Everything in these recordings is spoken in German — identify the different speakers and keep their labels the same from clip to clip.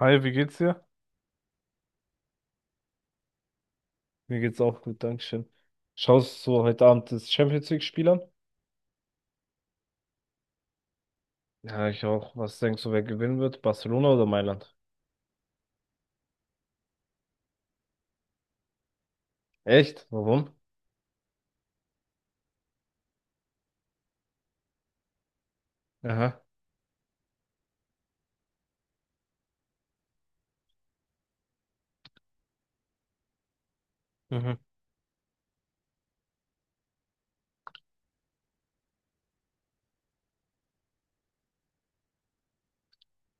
Speaker 1: Hi, wie geht's dir? Mir geht's auch gut, Dankeschön. Schaust du heute Abend das Champions League-Spiel an? Ja, ich auch. Was denkst du, wer gewinnen wird? Barcelona oder Mailand? Echt? Warum? Aha. Mhm.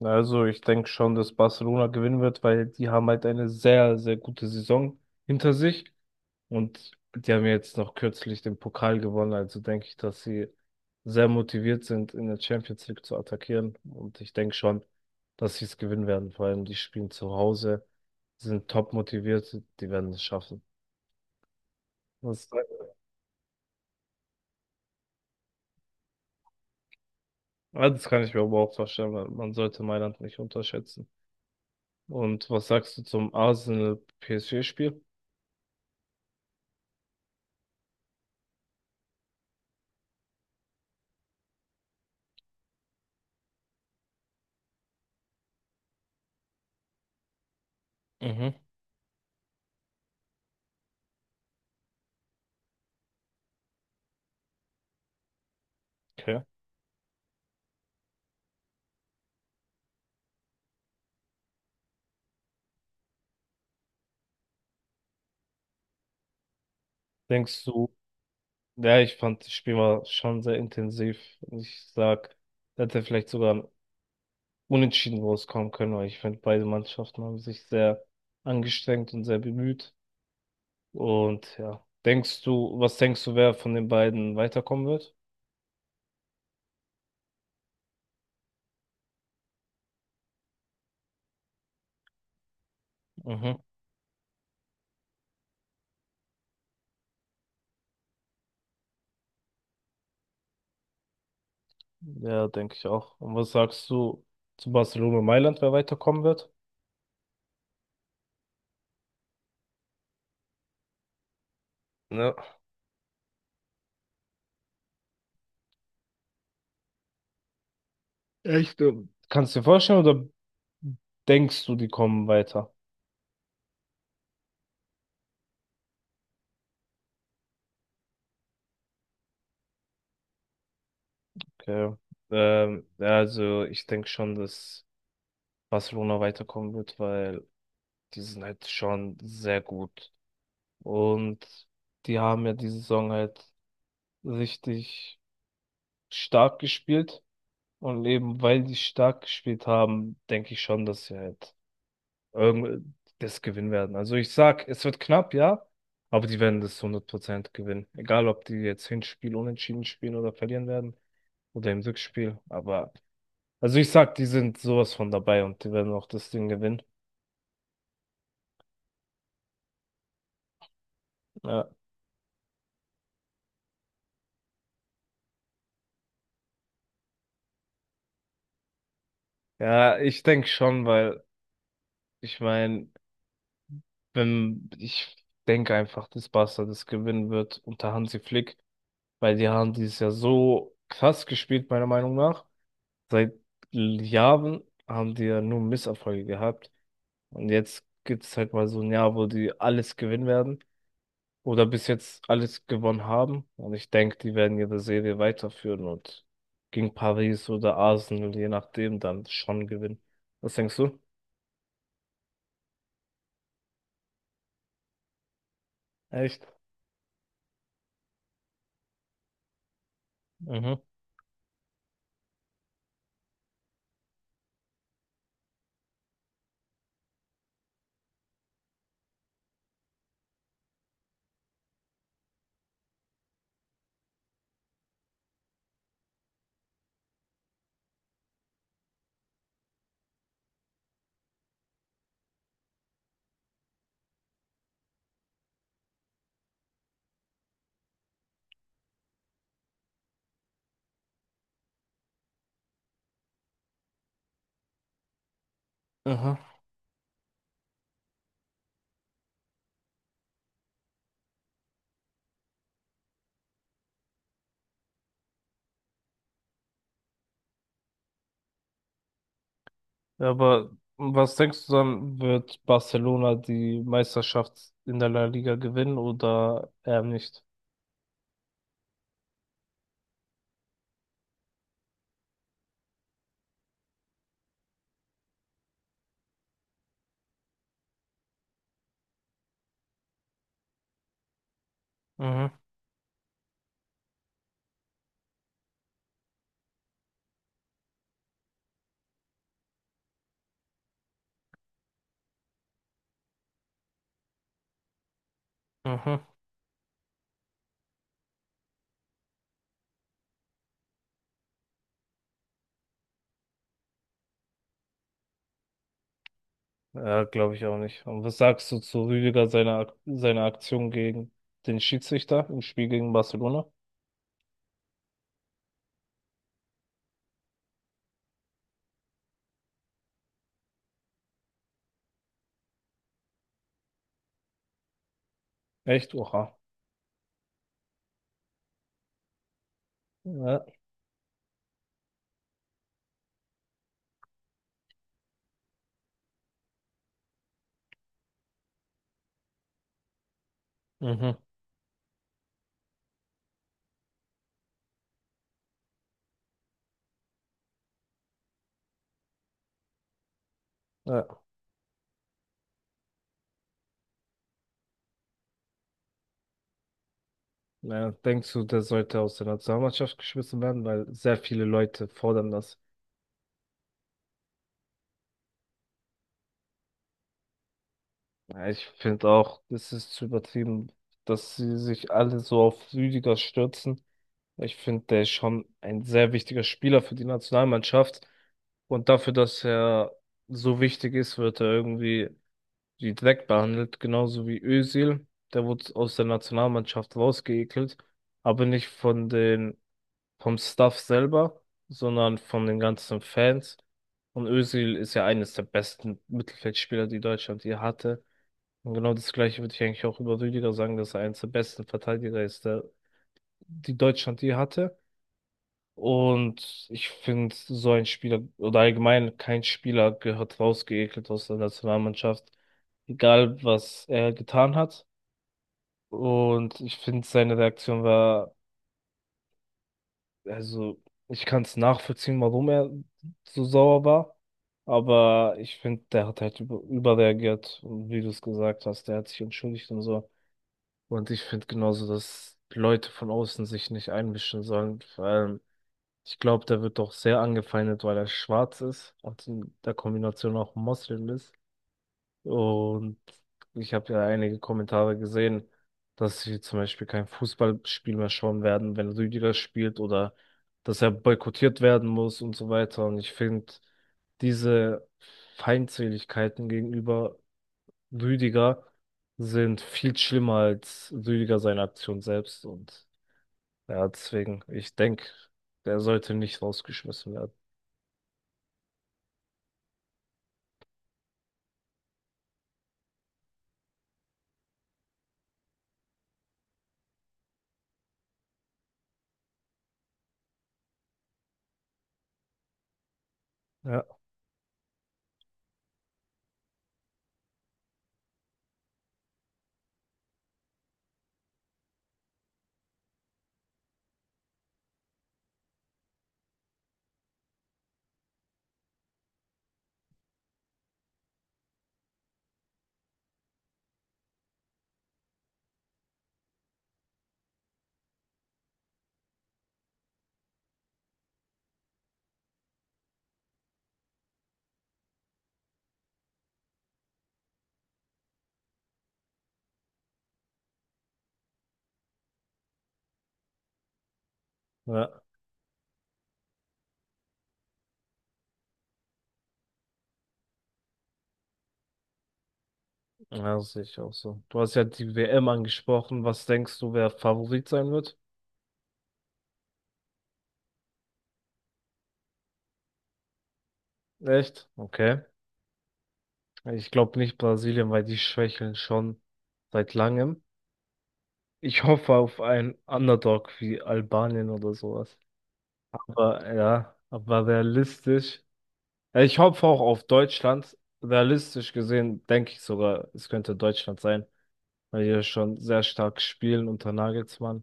Speaker 1: Also, ich denke schon, dass Barcelona gewinnen wird, weil die haben halt eine sehr, sehr gute Saison hinter sich. Und die haben ja jetzt noch kürzlich den Pokal gewonnen, also denke ich, dass sie sehr motiviert sind, in der Champions League zu attackieren. Und ich denke schon, dass sie es gewinnen werden. Vor allem, die spielen zu Hause, sind top motiviert, die werden es schaffen. Das, ja, das kann ich mir aber auch vorstellen, weil man sollte Mailand nicht unterschätzen. Und was sagst du zum Arsenal-PSG-Spiel? Mhm, okay. Denkst du, ja, ich fand das Spiel war schon sehr intensiv. Ich sag, hätte vielleicht sogar ein unentschieden rauskommen können, weil ich finde, beide Mannschaften haben sich sehr angestrengt und sehr bemüht. Und ja, was denkst du, wer von den beiden weiterkommen wird? Mhm. Ja, denke ich auch. Und was sagst du zu Barcelona und Mailand, wer weiterkommen wird? Ja. Echt? Kannst du dir vorstellen oder denkst du, die kommen weiter? Okay. Ja, also ich denke schon, dass Barcelona weiterkommen wird, weil die sind halt schon sehr gut. Und die haben ja diese Saison halt richtig stark gespielt. Und eben weil die stark gespielt haben, denke ich schon, dass sie halt irgend das gewinnen werden. Also ich sag, es wird knapp, ja, aber die werden das 100% gewinnen. Egal, ob die jetzt Hinspiel unentschieden spielen oder verlieren werden oder im Rückspiel. Aber also ich sag, die sind sowas von dabei und die werden auch das Ding gewinnen. Ja, ja ich denke schon, weil ich meine, Wenn, ich denke einfach, dass Barca das gewinnen wird unter Hansi Flick, weil die haben dieses Jahr so krass gespielt, meiner Meinung nach. Seit Jahren haben die ja nur Misserfolge gehabt. Und jetzt gibt es halt mal so ein Jahr, wo die alles gewinnen werden oder bis jetzt alles gewonnen haben. Und ich denke, die werden ihre Serie weiterführen und gegen Paris oder Arsenal, je nachdem, dann schon gewinnen. Was denkst du? Echt? Mhm. Aha. Aber was denkst du dann, wird Barcelona die Meisterschaft in der La Liga gewinnen oder eher nicht? Mhm, mhm. Ja, glaube ich auch nicht. Und was sagst du zu Rüdiger seiner Aktion gegen den Schiedsrichter im Spiel gegen Barcelona? Echt? Oha. Ja. Mhm. Ja. Ja, denkst du, der sollte aus der Nationalmannschaft geschmissen werden, weil sehr viele Leute fordern das. Ja, ich finde auch, es ist zu übertrieben, dass sie sich alle so auf Rüdiger stürzen. Ich finde, der ist schon ein sehr wichtiger Spieler für die Nationalmannschaft. Und dafür, dass er so wichtig ist, wird er irgendwie wie Dreck behandelt, genauso wie Özil. Der wurde aus der Nationalmannschaft rausgeekelt, aber nicht vom Staff selber, sondern von den ganzen Fans. Und Özil ist ja eines der besten Mittelfeldspieler, die Deutschland je hatte. Und genau das Gleiche würde ich eigentlich auch über Rüdiger sagen, dass er eines der besten Verteidiger ist, die Deutschland je hatte. Und ich finde, so ein Spieler oder allgemein kein Spieler gehört rausgeekelt aus der Nationalmannschaft, egal was er getan hat. Und ich finde, seine Reaktion war, also ich kann es nachvollziehen, warum er so sauer war. Aber ich finde, der hat halt überreagiert. Und wie du es gesagt hast, der hat sich entschuldigt und so. Und ich finde genauso, dass Leute von außen sich nicht einmischen sollen. Vor allem, ich glaube, der wird doch sehr angefeindet, weil er schwarz ist und in der Kombination auch Moslem ist. Und ich habe ja einige Kommentare gesehen, dass sie zum Beispiel kein Fußballspiel mehr schauen werden, wenn Rüdiger spielt oder dass er boykottiert werden muss und so weiter. Und ich finde, diese Feindseligkeiten gegenüber Rüdiger sind viel schlimmer als Rüdiger seine Aktion selbst. Und ja, deswegen, ich denke, der sollte nicht rausgeschmissen werden. Ja, ja, ja, das sehe ich auch so. Du hast ja die WM angesprochen. Was denkst du, wer Favorit sein wird? Echt? Okay. Ich glaube nicht Brasilien, weil die schwächeln schon seit langem. Ich hoffe auf einen Underdog wie Albanien oder sowas. Aber ja, aber realistisch. Ja, ich hoffe auch auf Deutschland. Realistisch gesehen denke ich sogar, es könnte Deutschland sein, weil die ja schon sehr stark spielen unter Nagelsmann.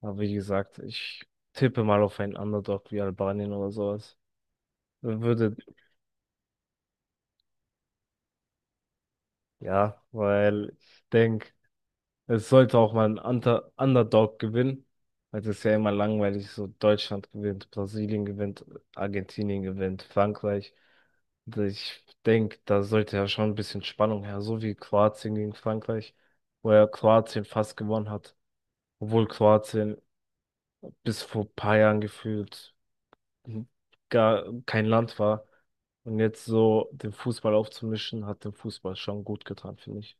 Speaker 1: Aber wie gesagt, ich tippe mal auf einen Underdog wie Albanien oder sowas. Würde, ja, weil ich denke, es sollte auch mal ein Unter Underdog gewinnen, weil es ist ja immer langweilig, so Deutschland gewinnt, Brasilien gewinnt, Argentinien gewinnt, Frankreich. Also ich denke, da sollte ja schon ein bisschen Spannung her, so wie Kroatien gegen Frankreich, wo ja Kroatien fast gewonnen hat, obwohl Kroatien bis vor ein paar Jahren gefühlt gar kein Land war. Und jetzt so den Fußball aufzumischen, hat dem Fußball schon gut getan, finde ich.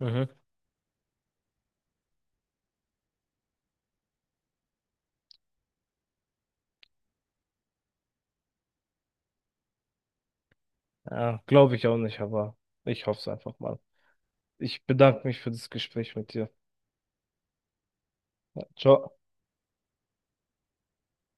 Speaker 1: Mhm. Ja, glaube ich auch nicht, aber ich hoffe es einfach mal. Ich bedanke mich für das Gespräch mit dir. Ciao.